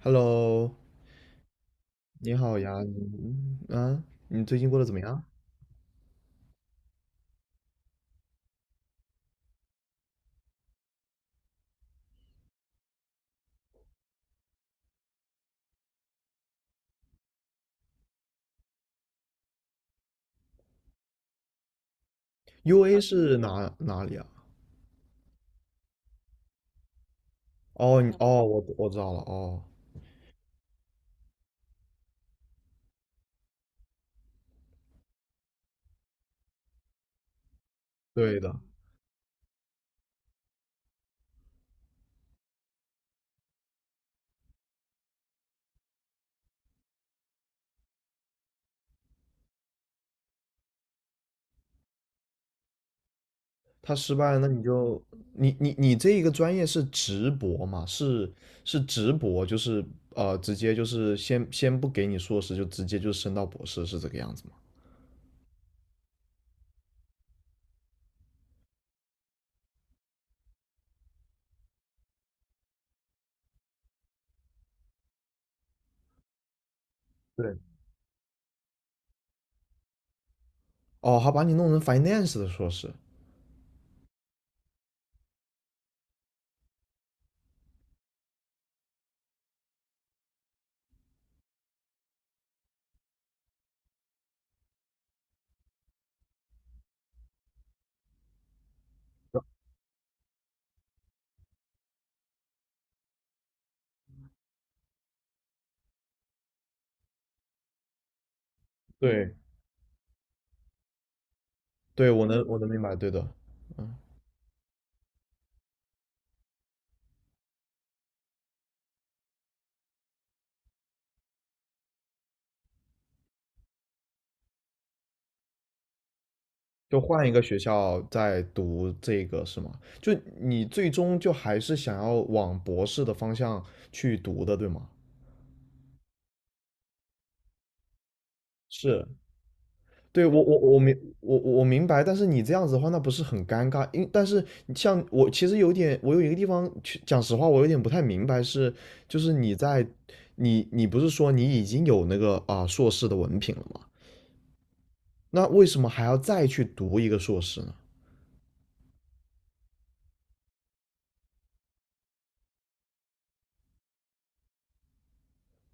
Hello，你好呀，嗯，啊你最近过得怎么样？UA 是哪里啊？哦，你哦，我知道了，哦，对的。他失败了，那你就你你你这一个专业是直博嘛？是是直博，就是直接就是先不给你硕士，就直接就升到博士，是这个样子吗？对。哦，还把你弄成 finance 的硕士。对。对，我能明白，对的，嗯。就换一个学校再读这个是吗？就你最终就还是想要往博士的方向去读的，对吗？是，对，我明白，但是你这样子的话，那不是很尴尬？但是像我其实有点，我有一个地方，去讲实话，我有点不太明白是，就是你不是说你已经有那个啊、硕士的文凭了吗？那为什么还要再去读一个硕士呢？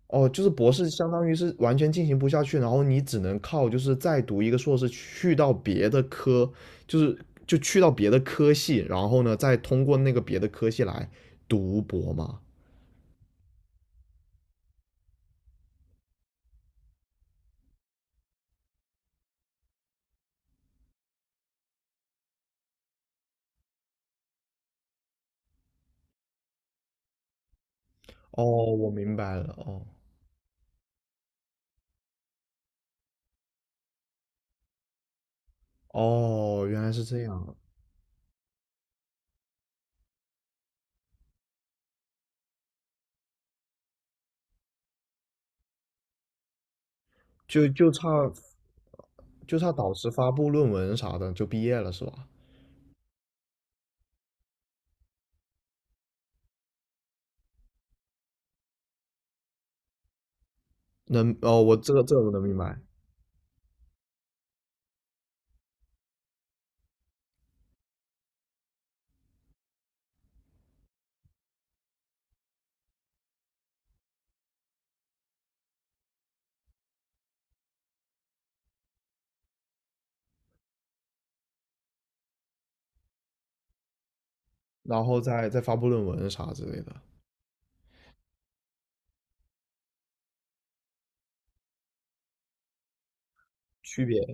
哦，就是博士相当于是完全进行不下去，然后你只能靠就是再读一个硕士去到别的科，就是就去到别的科系，然后呢再通过那个别的科系来读博嘛。哦，我明白了。哦哦原来是这样，就就差就差导师发布论文啥的就毕业了是吧？哦，我这个我能明白。然后再发布论文啥之类的区别。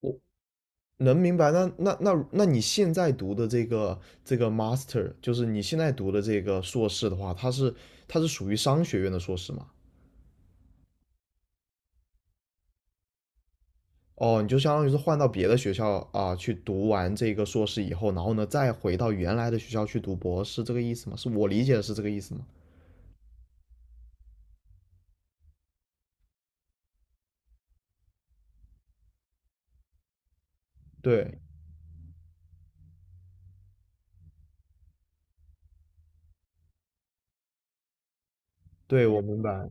我能明白，那你现在读的这个 master,就是你现在读的这个硕士的话，它是属于商学院的硕士吗？哦，你就相当于是换到别的学校啊，去读完这个硕士以后，然后呢再回到原来的学校去读博士，这个意思吗？是我理解的是这个意思吗？对，对，我明白。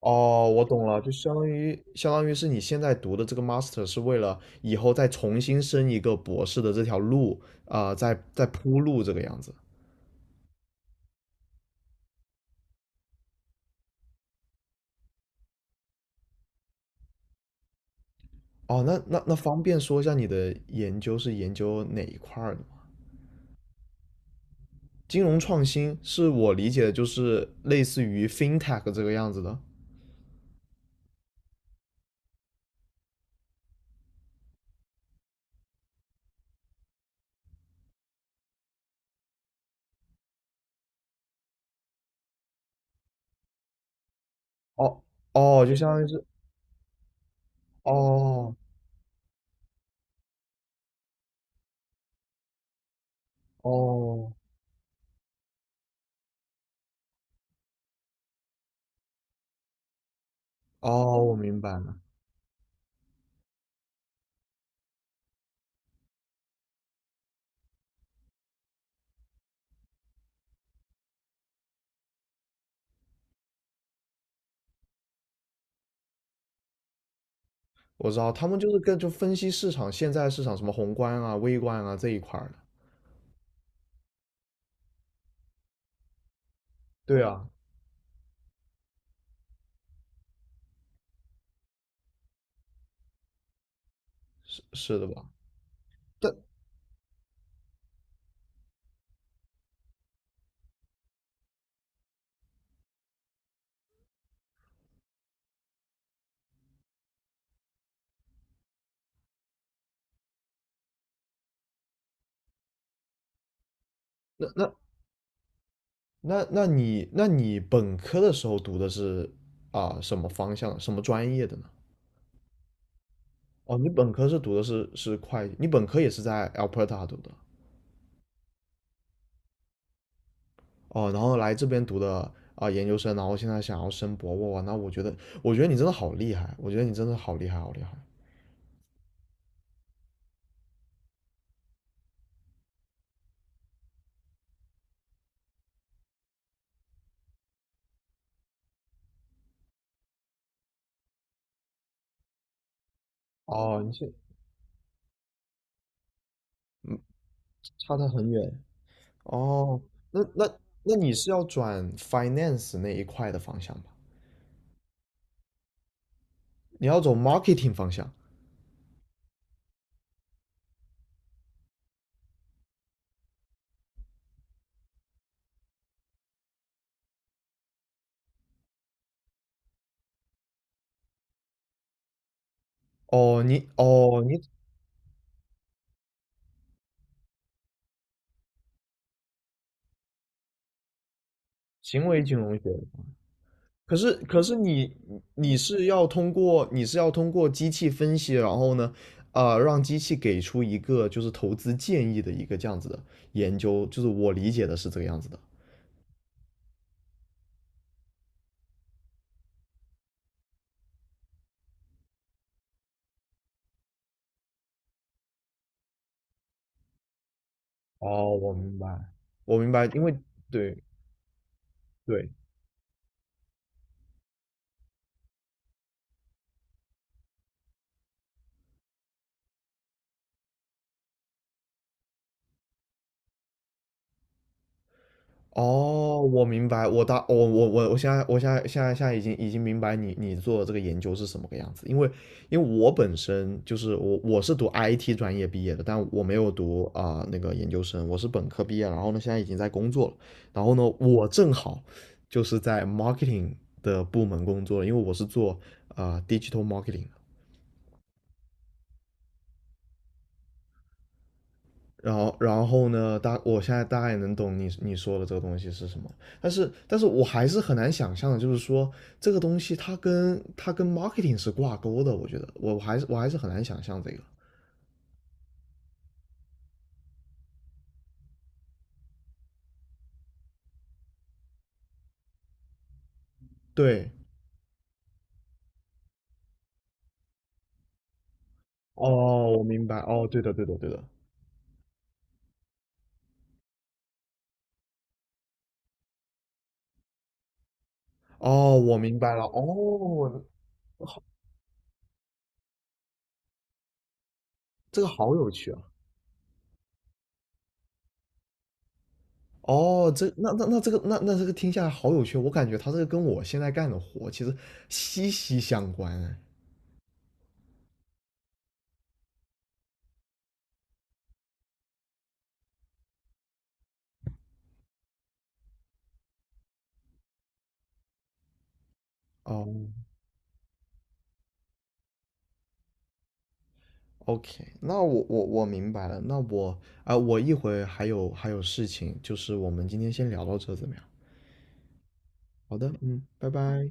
哦，我懂了，就相当于是你现在读的这个 master 是为了以后再重新升一个博士的这条路啊，在在铺路这个样子。哦，那方便说一下你的研究是研究哪一块儿的吗？金融创新是我理解的，就是类似于 fintech 这个样子的。哦，哦，就相当于是。哦，哦，哦，我明白了，我知道他们就是跟就分析市场现在市场什么宏观啊、微观啊这一块儿的。对啊，是是的吧？但那那你那你本科的时候读的是啊什么方向、什么专业的呢？哦，你本科是读的是会计，你本科也是在 Alberta 读的。哦，然后来这边读的啊、研究生，然后现在想要升博哇。那我觉得我觉得你真的好厉害，我觉得你真的好厉害，好厉害。哦，你是差的很远。哦，那那那你是要转 finance 那一块的方向吧？你要走 marketing 方向？哦，你行为金融学。可是你是要通过机器分析，然后呢，啊，让机器给出一个就是投资建议的一个这样子的研究，就是我理解的是这个样子的。哦，我明白。我明白，因为对。对，哦，我明白。我大我我我我现在我现在现在现在已经已经明白你做的这个研究是什么个样子，因为我本身就是我是读 IT 专业毕业的，但我没有读啊、那个研究生，我是本科毕业，然后呢现在已经在工作了，然后呢我正好就是在 marketing 的部门工作，因为我是做啊、digital marketing。然后，然后呢？我现在大概也能懂你说的这个东西是什么，但是，但是我还是很难想象的，就是说这个东西它跟 marketing 是挂钩的，我觉得，我还是很难想象这个。对，哦，我明白，哦，对的，对的，对的，哦，我明白了，哦，这个好有趣啊。哦，这那那那这个那那这个听下来好有趣，我感觉它这个跟我现在干的活其实息息相关哎。哦，OK,那我明白了。那我啊、我一会还有还有事情，就是我们今天先聊到这怎么样？好的，嗯，拜拜。